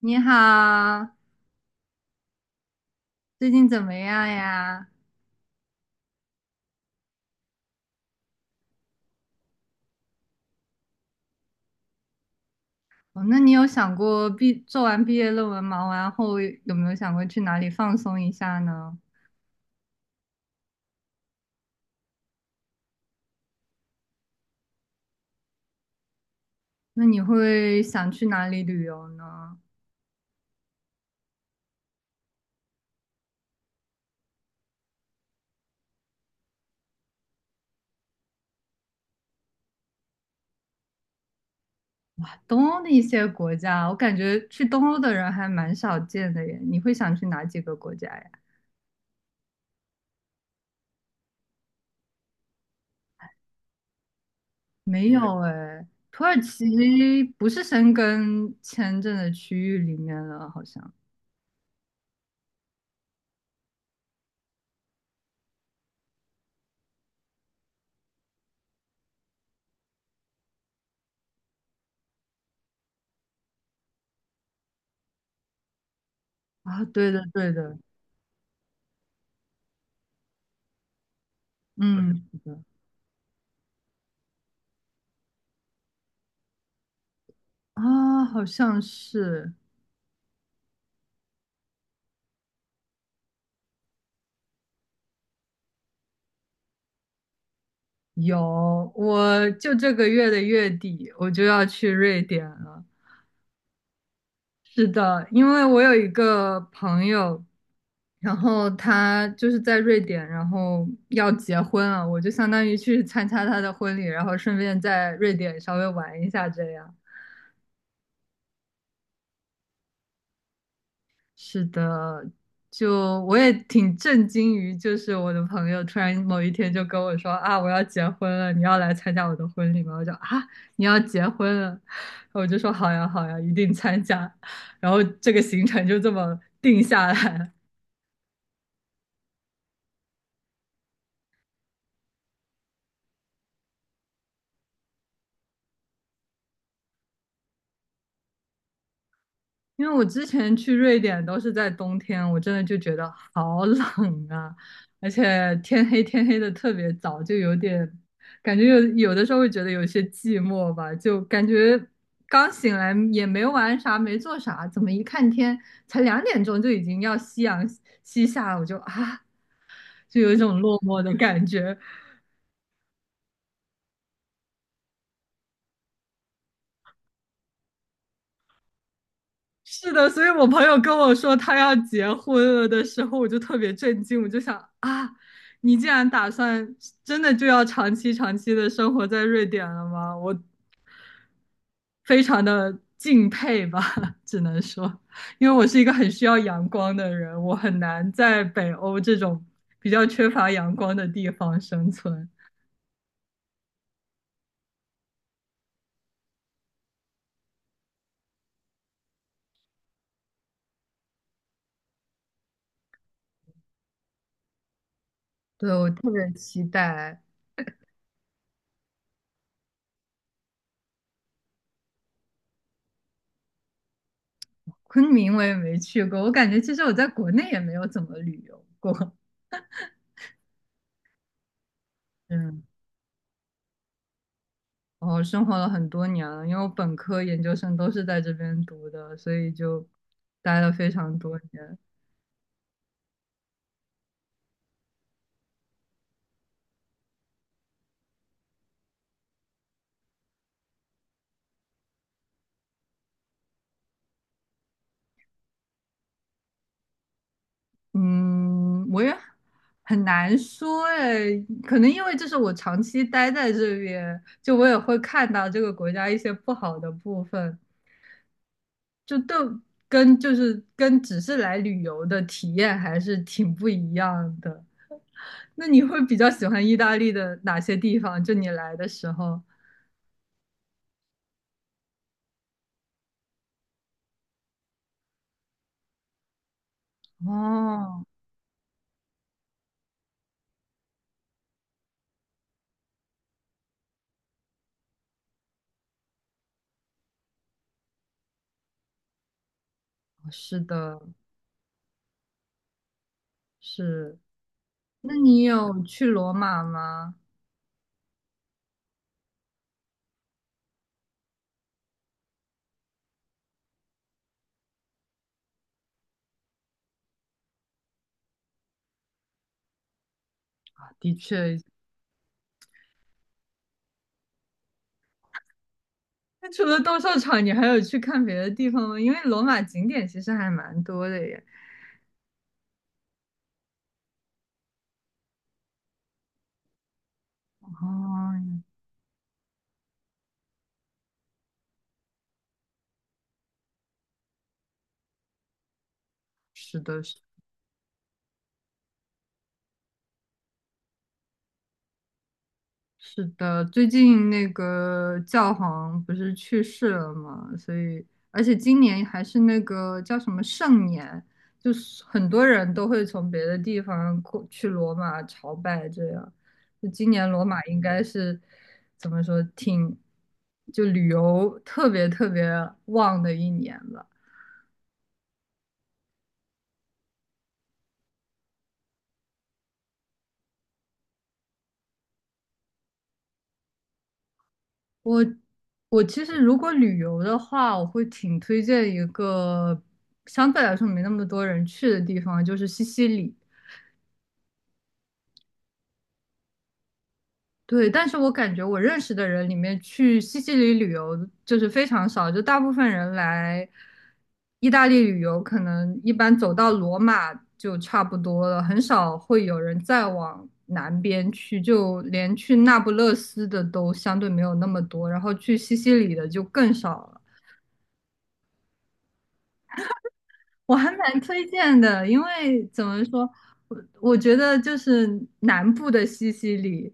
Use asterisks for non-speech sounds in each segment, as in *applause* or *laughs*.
你好，最近怎么样呀？哦，那你有想过做完毕业论文忙完后有没有想过去哪里放松一下呢？那你会想去哪里旅游呢？东欧的一些国家，我感觉去东欧的人还蛮少见的耶。你会想去哪几个国家呀？没有哎，土耳其不是申根签证的区域里面了，好像。啊，对的对的，嗯，是的。啊，好像是。有，我就这个月的月底我就要去瑞典了。是的，因为我有一个朋友，然后他就是在瑞典，然后要结婚了，我就相当于去参加他的婚礼，然后顺便在瑞典稍微玩一下这样。是的，就我也挺震惊于，就是我的朋友突然某一天就跟我说啊，我要结婚了，你要来参加我的婚礼吗？我就啊，你要结婚了，我就说好呀好呀，一定参加。然后这个行程就这么定下来了。因为我之前去瑞典都是在冬天，我真的就觉得好冷啊，而且天黑天黑的特别早，就有点感觉有的时候会觉得有些寂寞吧，就感觉刚醒来也没玩啥，没做啥，怎么一看天才2点钟就已经要夕阳西下了，我就啊，就有一种落寞的感觉。是的，所以我朋友跟我说他要结婚了的时候，我就特别震惊，我就想啊，你竟然打算真的就要长期长期的生活在瑞典了吗？我非常的敬佩吧，*laughs* 只能说，因为我是一个很需要阳光的人，我很难在北欧这种比较缺乏阳光的地方生存。对，我特别期待。昆明，我也没去过，我感觉其实我在国内也没有怎么旅游过，*laughs* 嗯。哦，生活了很多年了，因为我本科、研究生都是在这边读的，所以就待了非常多年。嗯，我也很难说诶，可能因为这是我长期待在这边，就我也会看到这个国家一些不好的部分，就都就是跟只是来旅游的体验还是挺不一样的。那你会比较喜欢意大利的哪些地方？就你来的时候，哦，是的，是。那你有去罗马吗？啊，的确。那除了斗兽场，你还有去看别的地方吗？因为罗马景点其实还蛮多的耶。哦，是是的，是的，最近那个教皇不是去世了嘛，所以而且今年还是那个叫什么圣年，就是很多人都会从别的地方过去罗马朝拜，这样。就今年罗马应该是怎么说，挺就旅游特别特别旺的一年吧。我我其实如果旅游的话，我会挺推荐一个相对来说没那么多人去的地方，就是西西里。对，但是我感觉我认识的人里面去西西里旅游就是非常少，就大部分人来意大利旅游，可能一般走到罗马就差不多了，很少会有人再往南边去，就连去那不勒斯的都相对没有那么多，然后去西西里的就更少了。我还蛮推荐的，因为怎么说，我觉得就是南部的西西里，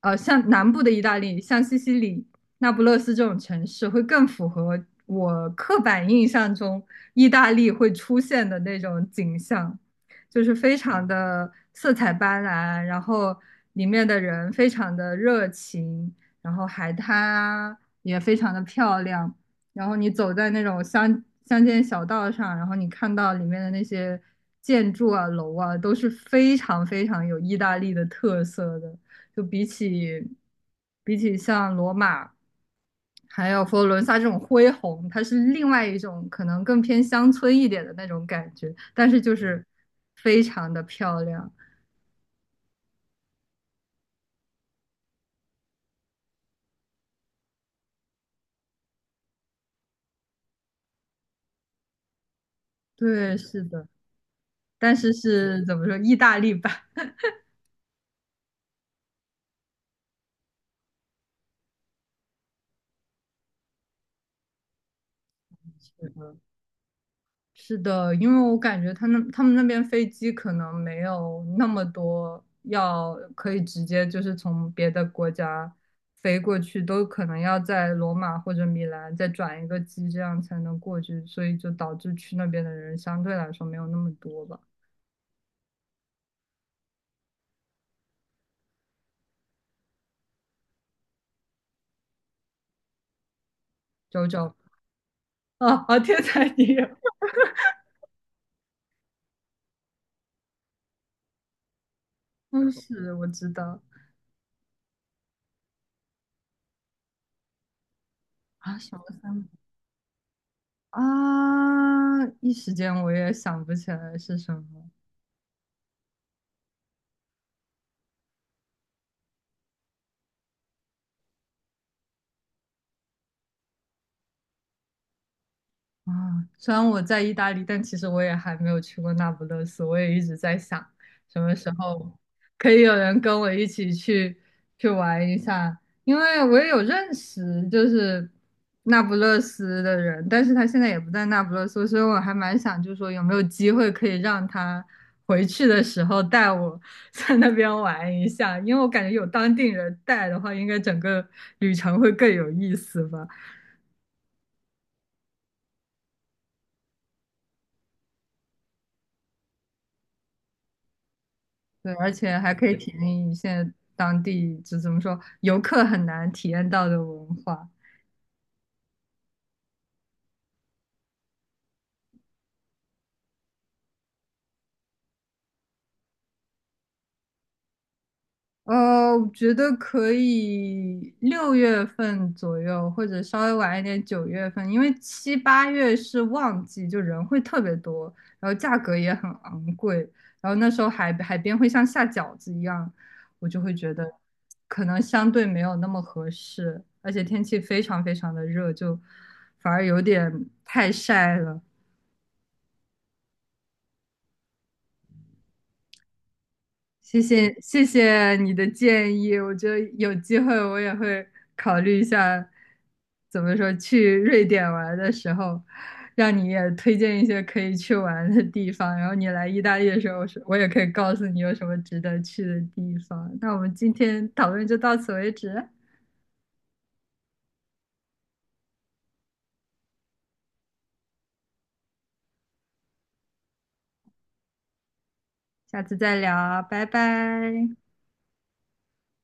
像南部的意大利，像西西里、那不勒斯这种城市，会更符合我刻板印象中意大利会出现的那种景象，就是非常的色彩斑斓，然后里面的人非常的热情，然后海滩啊也非常的漂亮。然后你走在那种乡间小道上，然后你看到里面的那些建筑啊、楼啊，都是非常非常有意大利的特色的。就比起像罗马还有佛罗伦萨这种恢宏，它是另外一种可能更偏乡村一点的那种感觉，但是就是非常的漂亮。对，是的，但是是怎么说，意大利版。*laughs* 是的是的，因为我感觉他们那边飞机可能没有那么多要可以直接就是从别的国家飞过去，都可能要在罗马或者米兰再转一个机，这样才能过去，所以就导致去那边的人相对来说没有那么多吧。九九。啊，啊，天才你，嗯，是我知道。啊，小了三。啊，一时间我也想不起来是什么。啊，虽然我在意大利，但其实我也还没有去过那不勒斯。我也一直在想，什么时候可以有人跟我一起去玩一下，因为我也有认识就是那不勒斯的人，但是他现在也不在那不勒斯，所以我还蛮想，就是说有没有机会可以让他回去的时候带我 *laughs* 在那边玩一下，因为我感觉有当地人带的话，应该整个旅程会更有意思吧。对，而且还可以体验一些当地，就怎么说，游客很难体验到的文化。呃，我觉得可以6月份左右，或者稍微晚一点9月份，因为7、8月是旺季，就人会特别多，然后价格也很昂贵，然后那时候海边会像下饺子一样，我就会觉得可能相对没有那么合适，而且天气非常非常的热，就反而有点太晒了。谢谢你的建议，我觉得有机会我也会考虑一下，怎么说去瑞典玩的时候，让你也推荐一些可以去玩的地方，然后你来意大利的时候，我也可以告诉你有什么值得去的地方。那我们今天讨论就到此为止，下次再聊，拜拜。